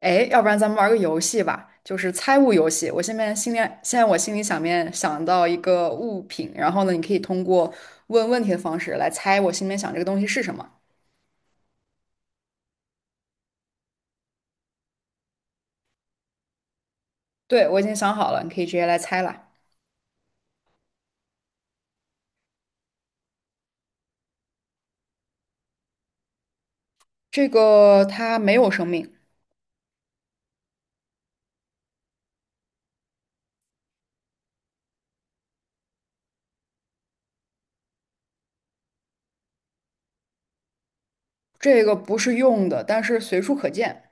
哎，要不然咱们玩个游戏吧，就是猜物游戏。我现在心里，现在我心里想到一个物品，然后呢，你可以通过问问题的方式来猜我心里面想这个东西是什么。对，我已经想好了，你可以直接来猜了。这个它没有生命，这个不是用的，但是随处可见，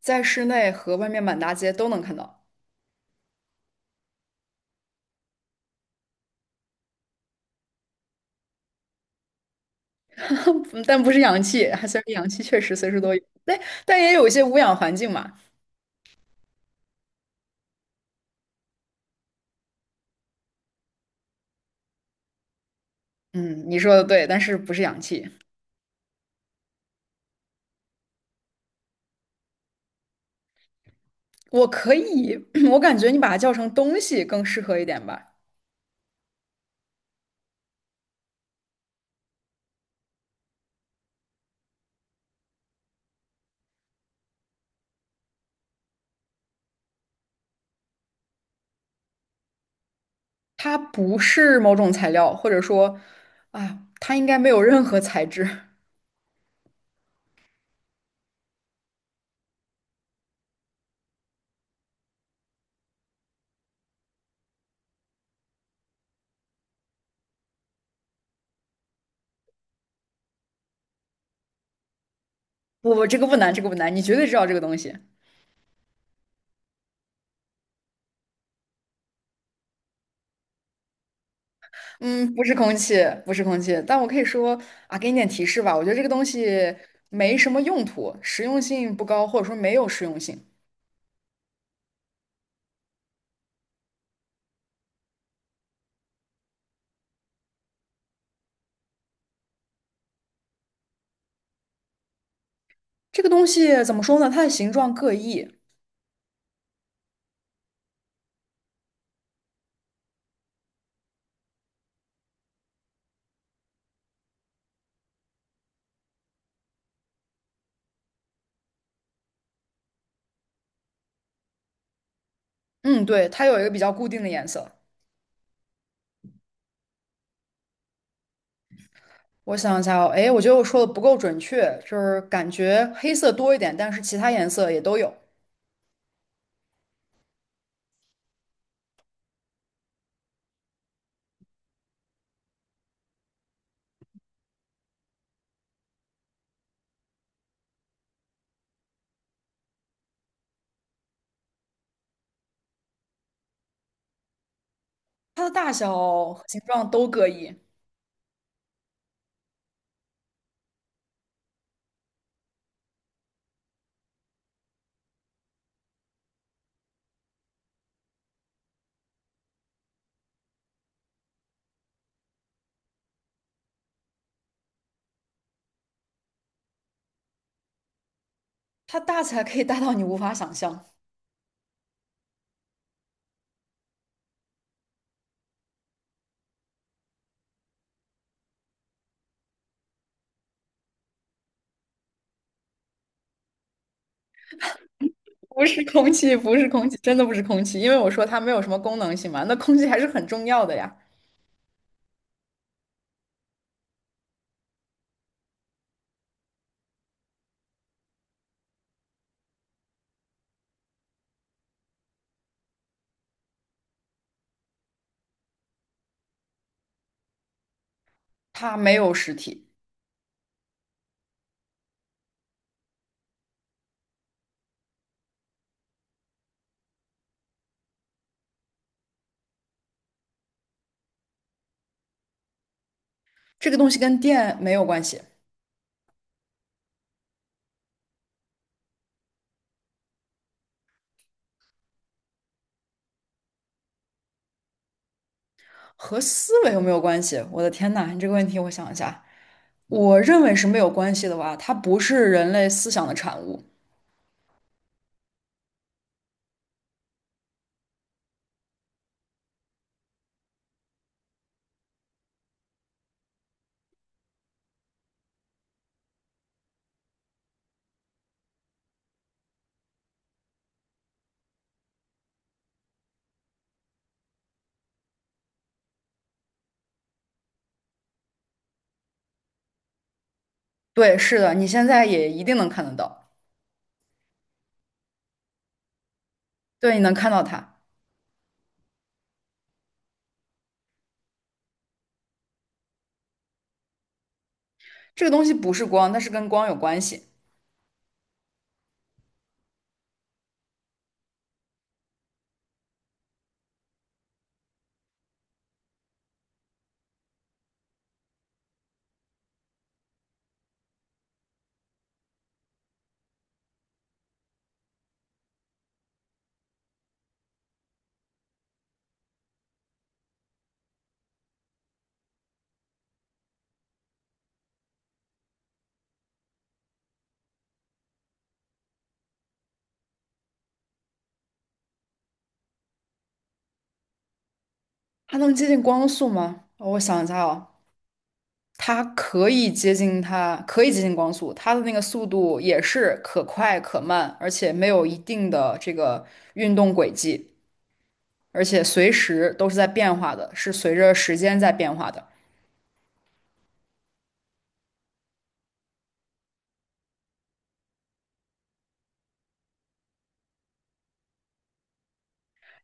在室内和外面满大街都能看到，但不是氧气，虽然氧气确实随时都有，但也有一些无氧环境嘛。嗯，你说的对，但是不是氧气。我可以，我感觉你把它叫成东西更适合一点吧。它不是某种材料，或者说，啊，它应该没有任何材质。不，这个不难，这个不难，你绝对知道这个东西。嗯，不是空气，不是空气，但我可以说啊，给你点提示吧。我觉得这个东西没什么用途，实用性不高，或者说没有实用性。这个东西怎么说呢？它的形状各异。嗯，对，它有一个比较固定的颜色。我想一下哦，哎，我觉得我说的不够准确，就是感觉黑色多一点，但是其他颜色也都有。它的大小和形状都各异，它大起来可以大到你无法想象。不是空气，不是空气，真的不是空气，因为我说它没有什么功能性嘛，那空气还是很重要的呀。它没有实体，这个东西跟电没有关系，和思维有没有关系？我的天呐，你这个问题我想一下，我认为是没有关系的吧，它不是人类思想的产物。对，是的，你现在也一定能看得到。对，你能看到它。这个东西不是光，但是跟光有关系。它能接近光速吗？我想一下哦，它可以接近它，可以接近光速，它的那个速度也是可快可慢，而且没有一定的这个运动轨迹，而且随时都是在变化的，是随着时间在变化的。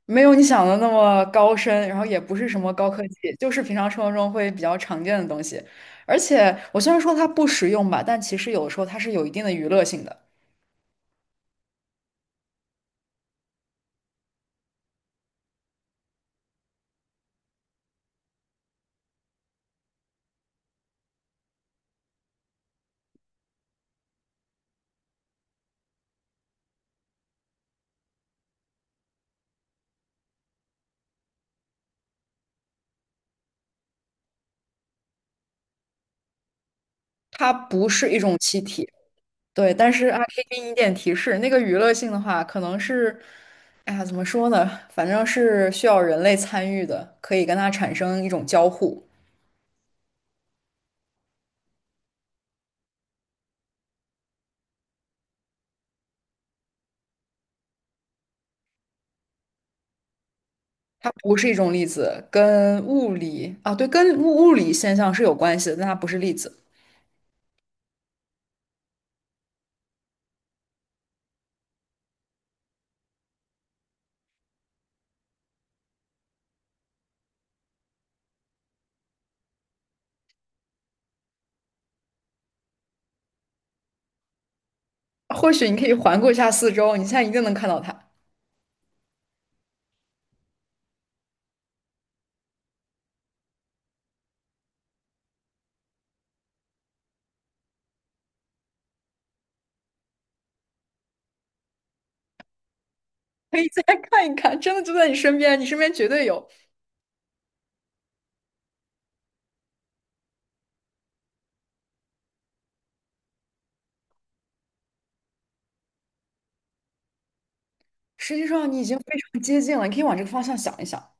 没有你想的那么高深，然后也不是什么高科技，就是平常生活中会比较常见的东西。而且我虽然说它不实用吧，但其实有的时候它是有一定的娱乐性的。它不是一种气体，对，但是啊，可以给你一点提示，那个娱乐性的话，可能是，哎呀，怎么说呢？反正是需要人类参与的，可以跟它产生一种交互。它不是一种粒子，跟物理啊，对，跟物理现象是有关系的，但它不是粒子。或许你可以环顾一下四周，你现在一定能看到它，可以再 看一看，真的就在你身边，你身边绝对有。实际上你已经非常接近了，你可以往这个方向想一想。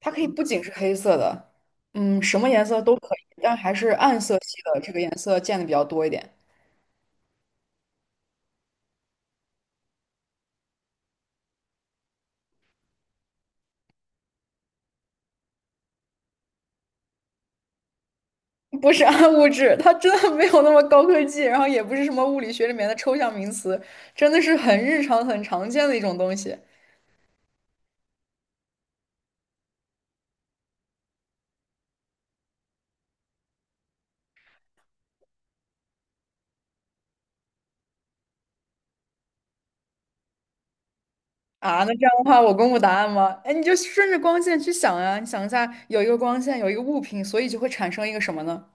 它可以不仅是黑色的，嗯，什么颜色都可以，但还是暗色系的这个颜色见的比较多一点。不是暗物质，它真的没有那么高科技，然后也不是什么物理学里面的抽象名词，真的是很日常、很常见的一种东西啊。那这样的话，我公布答案吗？哎，你就顺着光线去想呀，你想一下，有一个光线，有一个物品，所以就会产生一个什么呢？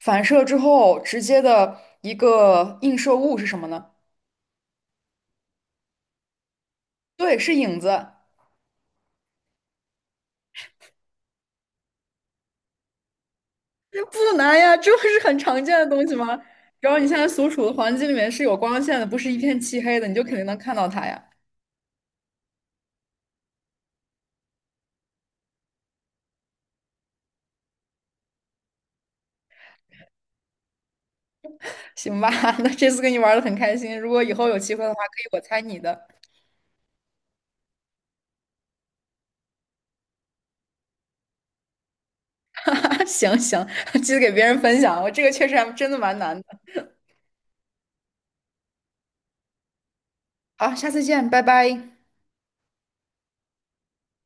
反射之后直接的一个映射物是什么呢？对，是影子。不难呀，这不是很常见的东西吗？只要你现在所处的环境里面是有光线的，不是一片漆黑的，你就肯定能看到它呀。行吧，那这次跟你玩的很开心，如果以后有机会的话，可以我猜你的。行，记得给别人分享，我这个确实还真的蛮难的。好，下次见，拜拜。